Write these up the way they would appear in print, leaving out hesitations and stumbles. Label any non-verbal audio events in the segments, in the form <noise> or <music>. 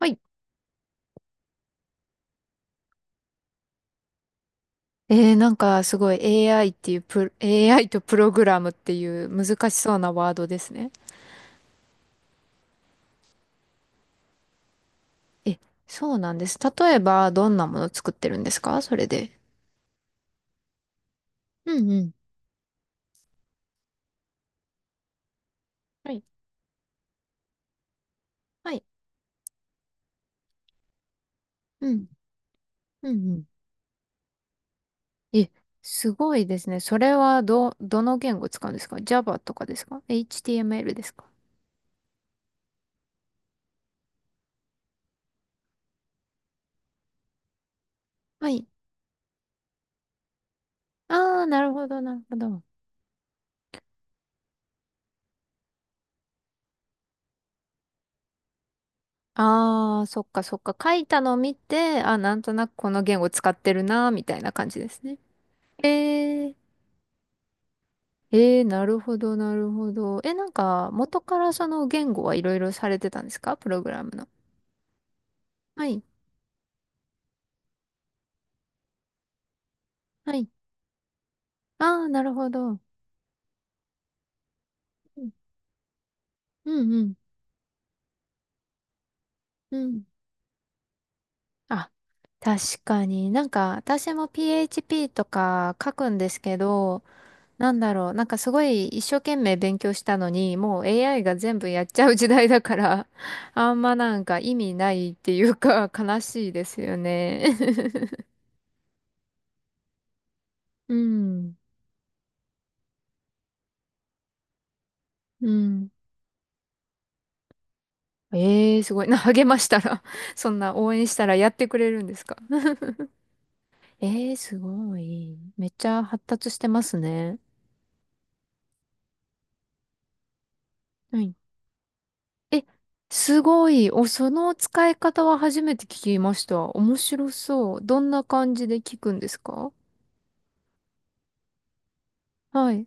はい。なんかすごい AI っていうプロ、AI とプログラムっていう難しそうなワードですね。え、そうなんです。例えば、どんなもの作ってるんですかそれで？うんうん。はい。はい。うん。うんうん。え、すごいですね。それはどの言語使うんですか？ Java とかですか？ HTML ですか？はい。ああ、なるほど、なるほど。ああ、そっかそっか。書いたのを見て、あ、なんとなくこの言語使ってるな、みたいな感じですね。えーええ、なるほど、なるほど。え、なんか、元からその言語はいろいろされてたんですかプログラムの？はい、はい。ああ、なるほど。うん、うん、うん。うん。あ、確かに。なんか、私も PHP とか書くんですけど、なんだろう。なんかすごい一生懸命勉強したのに、もう AI が全部やっちゃう時代だから、<laughs> あんまなんか意味ないっていうか、悲しいですよね。<laughs> うん、うん。ええーすごい。<laughs> 励ましたらそんな応援したらやってくれるんですか？ <laughs> ええーすごい。めっちゃ発達してますね。はい。え、すごい。お、その使い方は初めて聞きました。面白そう。どんな感じで聞くんですか？はい。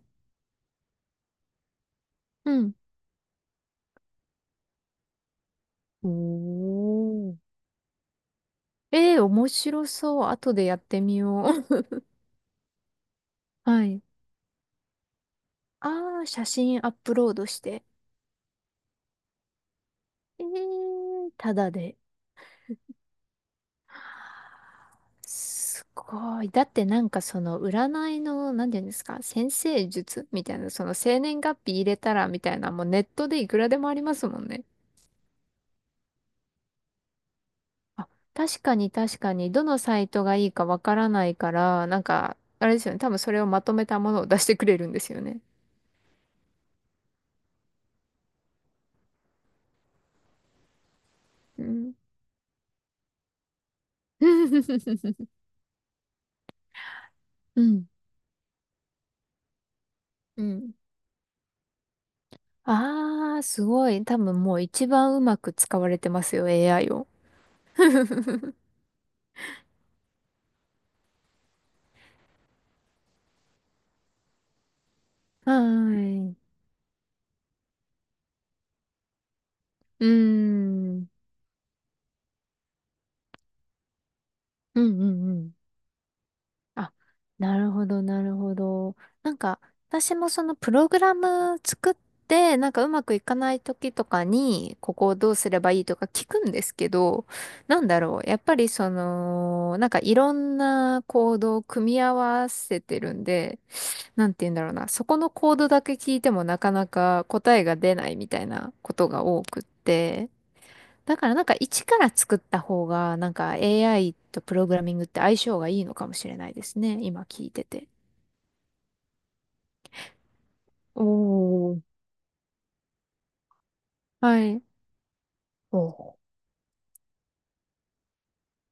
うん。おー。えー面白そう。後でやってみよう。<laughs> はい。ああ、写真アップロードして？えーただで。すごい。だってなんかその占いの、なんて言うんですか、先生術みたいな、その生年月日入れたらみたいな、もうネットでいくらでもありますもんね。あ、確かに確かに、どのサイトがいいかわからないから、なんか、あれですよね、多分それをまとめたものを出してくれるんですよね。うん。<laughs> うん。<laughs> うん。ああ、すごい。多分もう一番うまく使われてますよ、AI を。<laughs> はーい。うーん。うんうんうん。あ、なるほど、なるほど。なんか、私もそのプログラム作って、なんかうまくいかない時とかに、ここをどうすればいいとか聞くんですけど、なんだろう。やっぱりその、なんかいろんなコードを組み合わせてるんで、なんて言うんだろうな。そこのコードだけ聞いてもなかなか答えが出ないみたいなことが多くって。だからなんか一から作った方が、なんか AI とプログラミングって相性がいいのかもしれないですね。今聞いてて。おー、はい。おー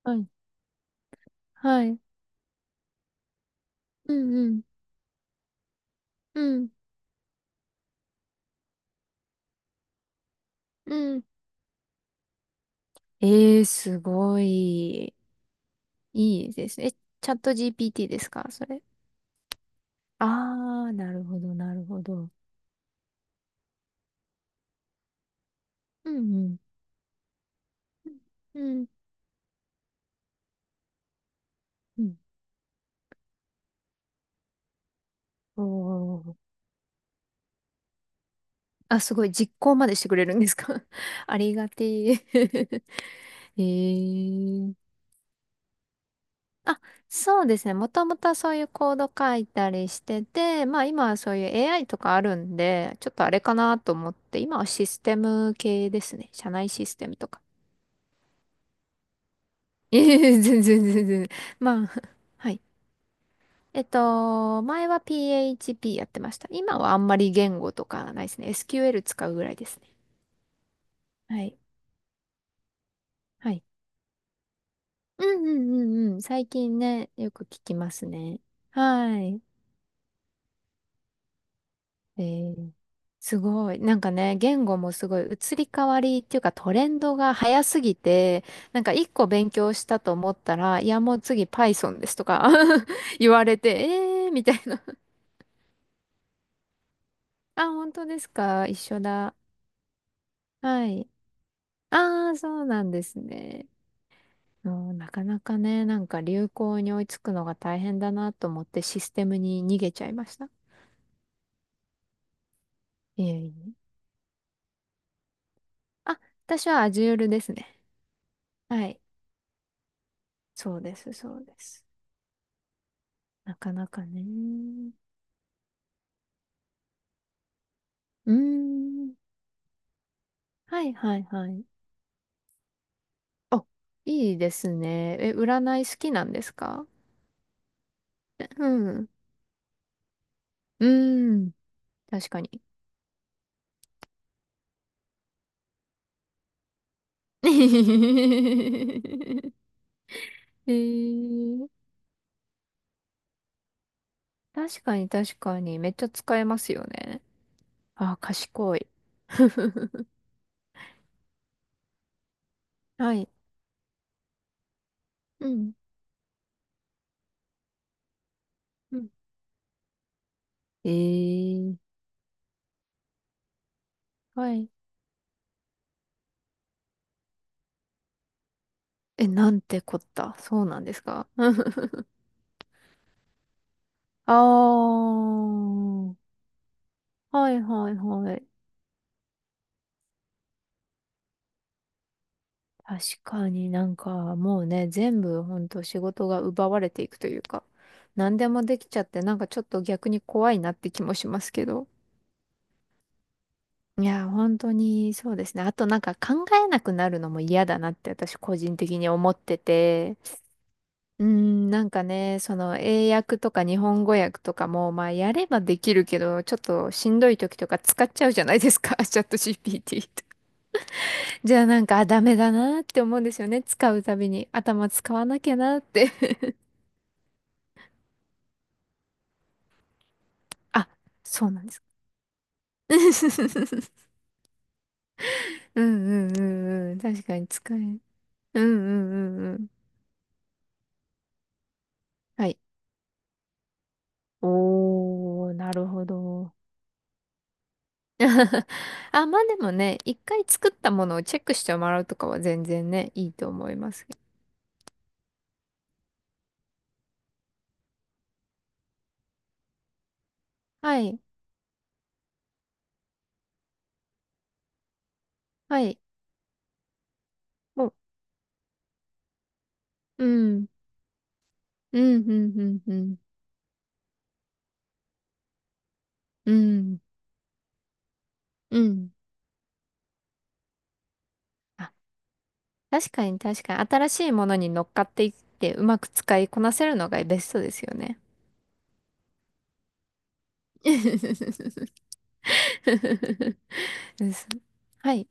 はい。はい。うんうん。うん。うん。えーすごい。いいですね。え、チャット GPT ですかそれ？あー、なるほど、なるほど。うんうん。うんうん。おー。あ、すごい。実行までしてくれるんですか？ <laughs> ありがてえ。<laughs> ええ、あ、そうですね。もともとそういうコード書いたりしてて、まあ今はそういう AI とかあるんで、ちょっとあれかなと思って、今はシステム系ですね。社内システムとか。<laughs> いえいえ全然全然。まあ、<laughs> はい。前は PHP やってました。今はあんまり言語とかないですね。SQL 使うぐらいですね。はい。はい。うんうんうんうん。最近ね、よく聞きますね。はい。えーすごい。なんかね、言語もすごい移り変わりっていうかトレンドが早すぎて、なんか一個勉強したと思ったら、いやもう次 Python ですとか <laughs> 言われて、えーみたいな。<laughs> あ、本当ですか？一緒だ。はい。ああ、そうなんですね。うん。なかなかね、なんか流行に追いつくのが大変だなと思ってシステムに逃げちゃいました。いえいえ。あ、私は Azure ですね。はい。そうです、そうです。なかなかね。うーん。はいはいはい。あ、いいですね。え、占い好きなんですか？ <laughs> うん。うーん。確かに。<laughs> えー、確かに確かに。めっちゃ使えますよね。あ、賢い。<laughs> はい。うん。うん。えー、はい。え、なんてこった。そうなんですか？ <laughs> あー。はいはいはい。確かになんかもうね、全部ほんと仕事が奪われていくというか、何でもできちゃってなんかちょっと逆に怖いなって気もしますけど。いや、本当にそうですね。あとなんか考えなくなるのも嫌だなって私個人的に思ってて。うーん、なんかね、その英訳とか日本語訳とかも、まあやればできるけど、ちょっとしんどい時とか使っちゃうじゃないですか、<laughs> チャット GPT。 じゃあなんか、あ、ダメだなって思うんですよね。使うたびに頭使わなきゃなって。あ、そうなんです。<laughs> うんうんうんうん。確かに使え。うんうんうんうん。はい。おー、なるほど。<laughs> あ、まあでもね、一回作ったものをチェックしてもらうとかは全然ね、いいと思いますけど。はい。はい。もう、うん。うん、うん、うん、うん。うん。うん。あ、確かに確かに。新しいものに乗っかっていって、うまく使いこなせるのがベストですよね。<laughs> <laughs> です。はい。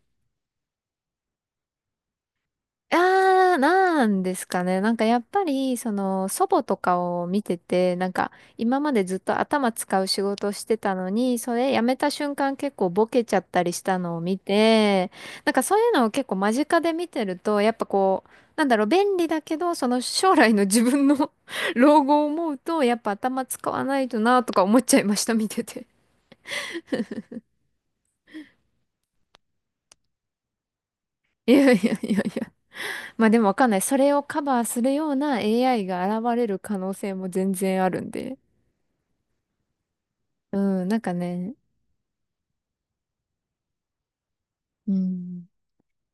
ああ、なんですかね。なんかやっぱり、その、祖母とかを見てて、なんか今までずっと頭使う仕事をしてたのに、それ辞めた瞬間結構ボケちゃったりしたのを見て、なんかそういうのを結構間近で見てると、やっぱこう、なんだろう、便利だけど、その将来の自分の <laughs> 老後を思うと、やっぱ頭使わないとなとか思っちゃいました、見てて。いやいやいやいや。まあでもわかんない。それをカバーするような AI が現れる可能性も全然あるんで。うん、なんかね、うん、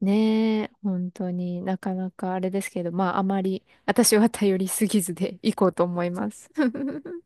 ねえ、本当になかなかあれですけど、まああまり私は頼りすぎずでいこうと思います。<laughs>